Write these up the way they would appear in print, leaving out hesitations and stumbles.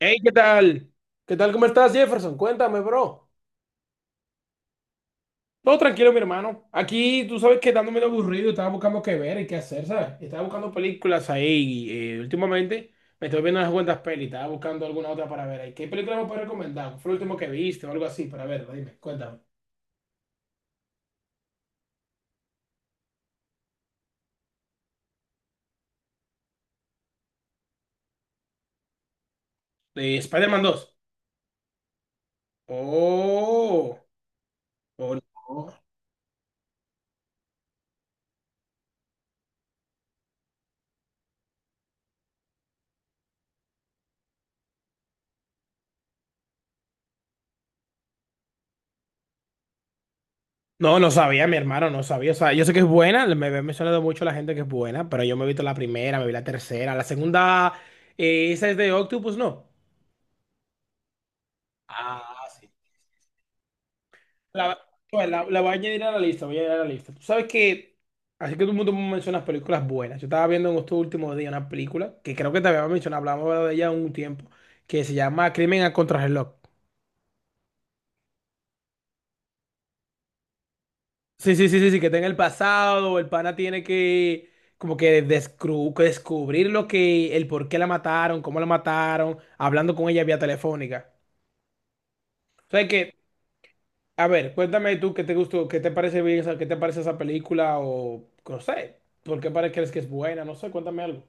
Hey, ¿qué tal? ¿Qué tal? ¿Cómo estás, Jefferson? Cuéntame, bro. Todo tranquilo, mi hermano. Aquí, tú sabes que dándome aburrido, estaba buscando qué ver y qué hacer, ¿sabes? Estaba buscando películas ahí. Últimamente me estoy viendo unas cuantas pelis, estaba buscando alguna otra para ver ahí. ¿Qué película me puedes recomendar? ¿Cuál Fue el último que viste o algo así? Para ver, dime, cuéntame. Spider-Man 2. Oh, oh, no. No, no sabía, mi hermano, no sabía. O sea, yo sé que es buena, me ha mencionado mucho la gente que es buena, pero yo me he visto la primera, me vi la tercera, la segunda, esa es de Octopus, ¿no? Ah, sí. La, pues, la voy a añadir a la lista, voy a añadir a la lista. Tú sabes que, así que todo el mundo me menciona películas buenas. Yo estaba viendo en estos últimos días una película que creo que te había mencionado, hablamos de ella un tiempo, que se llama Crimen a Contrarreloj. Sí, sí, sí, sí, sí, que está en el pasado, el pana tiene que como que descubrir lo que, el por qué la mataron, cómo la mataron, hablando con ella vía telefónica. O sea que, a ver, cuéntame tú qué te gustó, qué te parece bien, qué te parece esa película o no sé, por qué crees que es buena, no sé, cuéntame algo.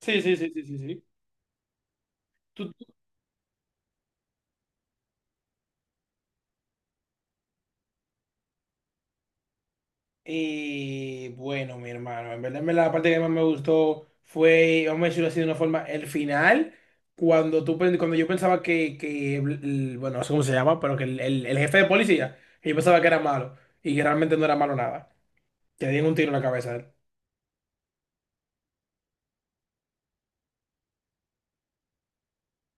Sí, sí, sí, sí, sí, sí. Y bueno, mi hermano, en verdad, la parte que más me gustó fue, vamos a decirlo así de una forma, el final, cuando tú, cuando yo pensaba que, bueno, no sé cómo se llama, pero que el jefe de policía, que yo pensaba que era malo, y que realmente no era malo nada, que le dieron un tiro en la cabeza a él.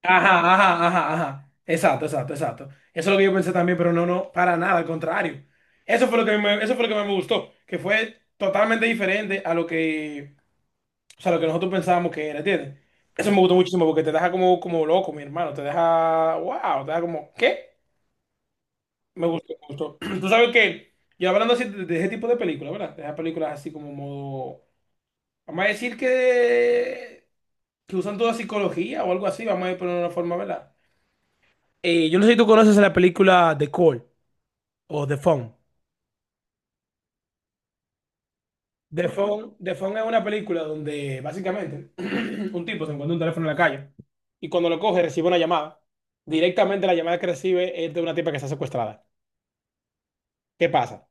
Ajá, ajá, ajá, ajá, exacto, exacto, exacto. Eso es lo que yo pensé también, pero no, no, para nada, al contrario. Eso fue lo que más me gustó, que fue totalmente diferente a lo que... O sea, lo que nosotros pensábamos que era, ¿entiendes? Eso me gustó muchísimo porque te deja como, como loco, mi hermano. Te deja, wow, te deja como, ¿qué? Me gustó, me gustó. Tú sabes que, yo hablando así de ese tipo de películas, ¿verdad? De esas películas así como modo, vamos a decir que usan toda psicología o algo así, vamos a poner de una forma, ¿verdad? Yo no sé si tú conoces la película The Call o The Phone. The Phone es una película donde básicamente un tipo se encuentra un teléfono en la calle y cuando lo coge recibe una llamada. Directamente la llamada que recibe es de una tipa que está secuestrada. ¿Qué pasa?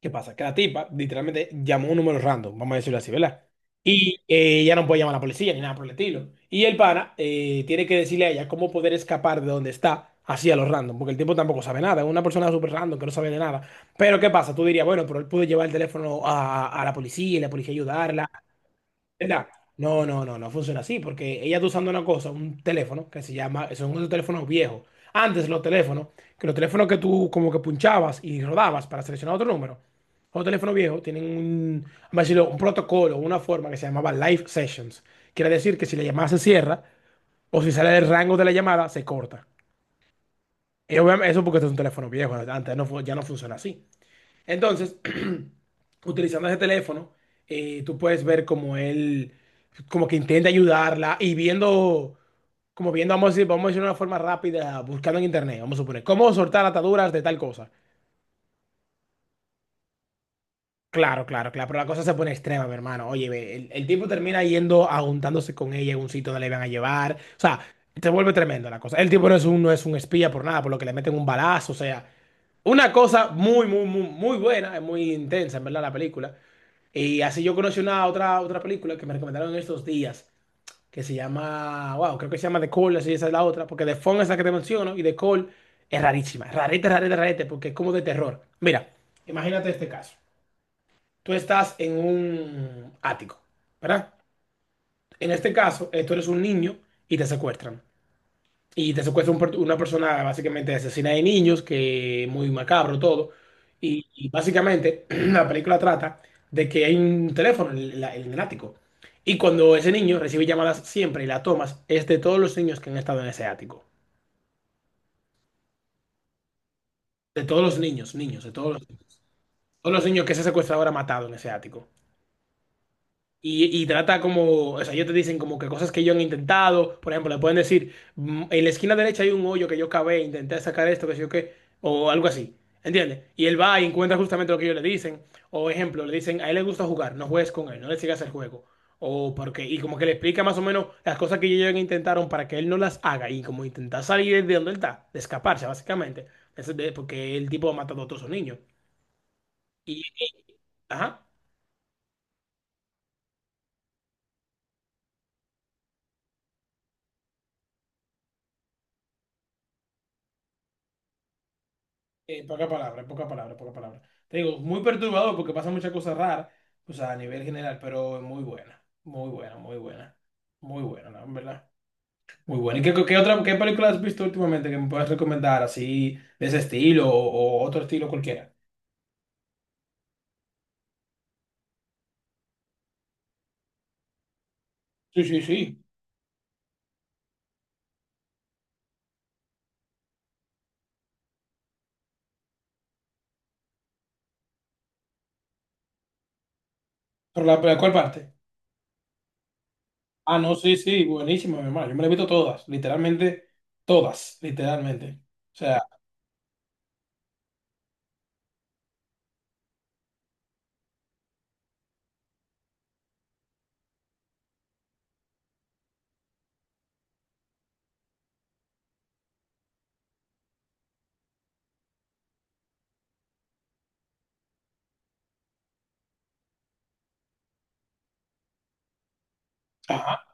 ¿Qué pasa? Que la tipa literalmente llamó un número random, vamos a decirlo así, ¿verdad? Y ella no puede llamar a la policía ni nada por el estilo. Y el pana tiene que decirle a ella cómo poder escapar de donde está así a lo random, porque el tipo tampoco sabe nada, es una persona súper random que no sabe de nada. Pero ¿qué pasa? Tú dirías, bueno, pero él pudo llevar el teléfono a la policía y la policía ayudarla. ¿Verdad? No, no, no, no funciona así, porque ella está usando una cosa, un teléfono que se llama, son unos teléfonos viejos. Antes los teléfonos que tú como que punchabas y rodabas para seleccionar otro número, los teléfonos viejos tienen un, vamos a decirlo, un protocolo, una forma que se llamaba live sessions. Quiere decir que si la llamada se cierra o si sale del rango de la llamada, se corta. Y obviamente, eso porque este es un teléfono viejo, antes no, ya no funciona así. Entonces, utilizando ese teléfono, tú puedes ver como él, como que intenta ayudarla y viendo, como viendo, vamos a decir de una forma rápida, buscando en internet, vamos a suponer, cómo soltar ataduras de tal cosa. Claro, claro, claro, pero la cosa se pone extrema, mi hermano. Oye, ve, el tipo termina yendo, aguntándose con ella en un sitio donde le van a llevar. O sea, se vuelve tremendo la cosa. El tipo no es un, no es un espía por nada, por lo que le meten un balazo, o sea, una cosa muy, muy, muy, muy buena, es muy intensa, en verdad, la película. Y así yo conocí una otra, otra película que me recomendaron en estos días, que se llama, wow, creo que se llama The Call, así esa es la otra, porque The Phone es la que te menciono y The Call es rarísima, rarete, rarete, rarete, porque es como de terror. Mira, imagínate este caso. Tú estás en un ático, ¿verdad? En este caso, tú eres un niño y te secuestran. Y te secuestra un una persona básicamente asesina de niños, que muy macabro todo. Y básicamente la película trata de que hay un teléfono en, en el ático. Y cuando ese niño recibe llamadas siempre y la tomas, es de todos los niños que han estado en ese ático. De todos los niños, niños, de todos los niños que ese secuestrador ha matado en ese ático. Y trata como, o sea, ellos te dicen como que cosas que ellos han intentado, por ejemplo, le pueden decir, "Mm, en la esquina derecha hay un hoyo que yo cavé, intenté sacar esto, que sé yo qué, o algo así, ¿entiendes? Y él va y encuentra justamente lo que ellos le dicen, o ejemplo, le dicen, a él le gusta jugar, no juegues con él, no le sigas el juego, o porque, y como que le explica más o menos las cosas que ellos intentaron para que él no las haga, y como intentar salir de donde él está, de escaparse, básicamente, porque el tipo ha matado a todos sus niños. Y, ajá. En pocas palabras, en pocas palabras, en pocas palabras. Te digo, muy perturbador porque pasa muchas cosas raras, o sea, a nivel general, pero es muy buena, muy buena, muy buena, muy buena, ¿no? En verdad. Muy buena. ¿Y qué, qué otra, qué película has visto últimamente que me puedas recomendar así, de ese estilo o otro estilo cualquiera? Sí, sí, sí. ¿Pero la cuál parte? Ah, no, sí, sí, buenísima, mi hermano. Yo me la he visto todas, literalmente, todas, literalmente. O sea, ajá.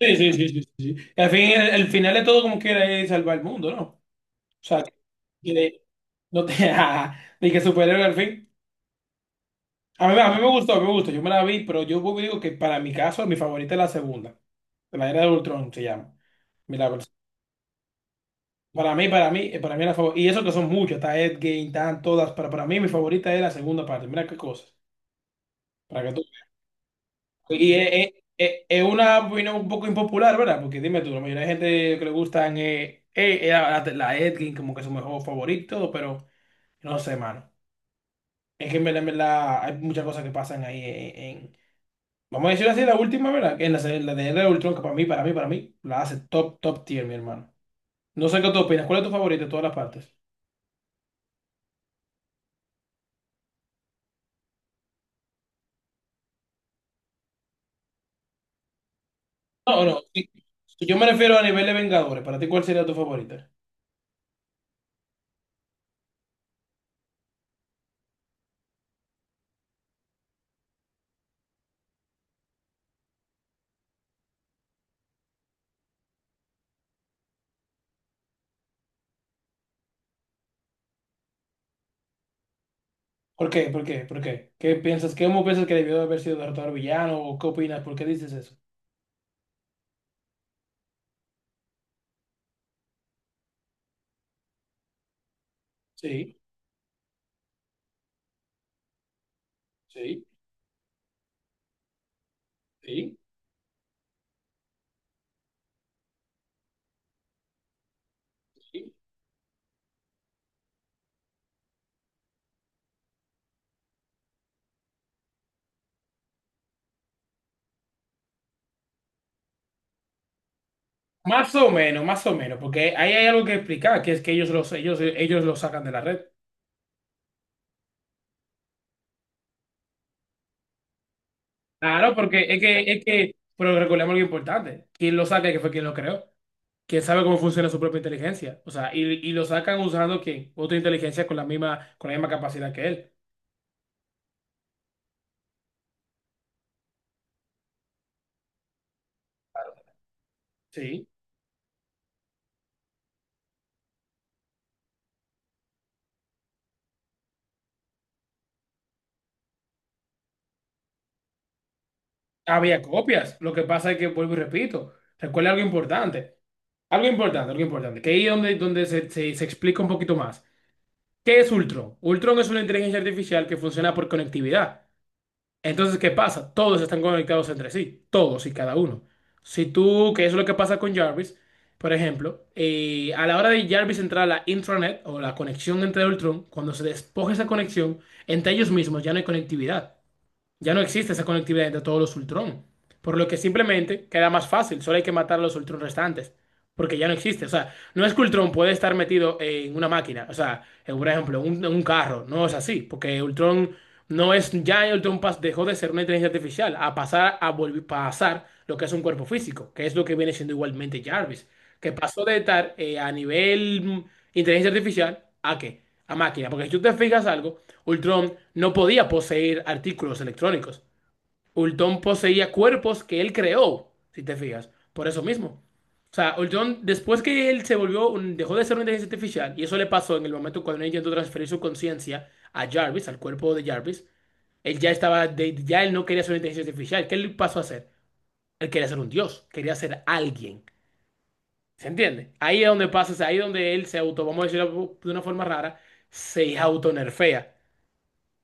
Sí, sí, sí, sí, sí. sí. Y al fin, el final de todo como quiera es salvar el mundo, ¿no? O sea, que no te, ni que superhéroe al fin. A mí me gustó, a mí me gustó. Yo me la vi, pero yo vuelvo y digo que para mi caso, mi favorita es la segunda. La era de Ultron se llama. Mira, pues, para mí, para mí, para mí la favorita. Y eso que son muchas, está Endgame, están todas, pero para mí mi favorita es la segunda parte. Mira qué cosas. Para que tú... Y es, es una opinión un poco impopular, ¿verdad? Porque dime tú, la mayoría de gente que le gustan la, la Endgame como que es su mejor favorito, pero no sé, mano. Es que en verdad, hay muchas cosas que pasan ahí en- Vamos a decirlo así, la última, ¿verdad? Que es la, la de Era de Ultron, que para mí, para mí, para mí, la hace top, top tier, mi hermano. No sé qué tú opinas. ¿Cuál es tu favorita de todas las partes? No, no. Si, si yo me refiero a nivel de Vengadores, ¿para ti cuál sería tu favorita? ¿Por qué? ¿Por qué? ¿Por qué? ¿Qué piensas? ¿Qué cómo piensas que debió de haber sido derrotado al villano? ¿O qué opinas? ¿Por qué dices eso? Sí, sí, sí, sí. Más o menos, porque ahí hay algo que explicar, que es que ellos los sacan de la red. Claro, porque es que, pero recordemos algo importante. Quien lo saca, que fue quien lo creó. Quien sabe cómo funciona su propia inteligencia. O sea, y lo sacan usando ¿quién? Otra inteligencia con la misma capacidad que él. Sí. Había copias. Lo que pasa es que, vuelvo y repito, recuerda algo importante. Algo importante, algo importante. Que ahí es donde, donde se explica un poquito más. ¿Qué es Ultron? Ultron es una inteligencia artificial que funciona por conectividad. Entonces, ¿qué pasa? Todos están conectados entre sí, todos y cada uno. Si tú, que eso es lo que pasa con Jarvis, por ejemplo, a la hora de Jarvis entrar a la intranet o la conexión entre Ultron, cuando se despoja esa conexión, entre ellos mismos ya no hay conectividad. Ya no existe esa conectividad entre todos los Ultron. Por lo que simplemente queda más fácil. Solo hay que matar a los Ultron restantes. Porque ya no existe. O sea, no es que Ultron puede estar metido en una máquina. O sea, en, por ejemplo, en un carro. No es así. Porque Ultron no es. Ya Ultron dejó de ser una inteligencia artificial a pasar a volver, pasar lo que es un cuerpo físico. Que es lo que viene siendo igualmente Jarvis. Que pasó de estar a nivel inteligencia artificial a qué? A máquina. Porque si tú te fijas algo. Ultron no podía poseer artículos electrónicos. Ultron poseía cuerpos que él creó, si te fijas, por eso mismo. O sea, Ultron, después que él se volvió, dejó de ser una inteligencia artificial, y eso le pasó en el momento cuando él intentó transferir su conciencia a Jarvis, al cuerpo de Jarvis, él ya estaba, ya él no quería ser una inteligencia artificial. ¿Qué él pasó a hacer? Él quería ser un dios, quería ser alguien. ¿Se entiende? Ahí es donde pasa, o sea, ahí es donde él se auto, vamos a decirlo de una forma rara, se autonerfea.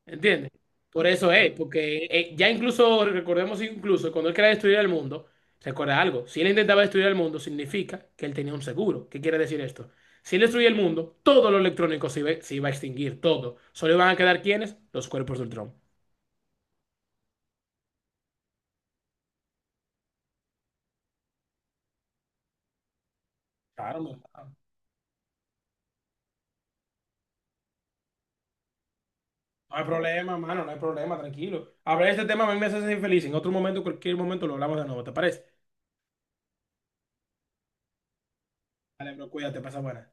¿Entiendes? Por eso es, porque ya incluso, recordemos incluso, cuando él quería destruir el mundo, recuerda algo, si él intentaba destruir el mundo, significa que él tenía un seguro. ¿Qué quiere decir esto? Si él destruía el mundo, todo lo electrónico se iba a extinguir, todo. Solo iban a quedar ¿quiénes? Los cuerpos del Ultron. Claro, no, no hay problema, mano, no hay problema, tranquilo. Hablar de este tema a mí me hace ser infeliz En otro momento, cualquier momento, lo hablamos de nuevo, ¿te parece? Dale, bro, cuídate, pasa buena.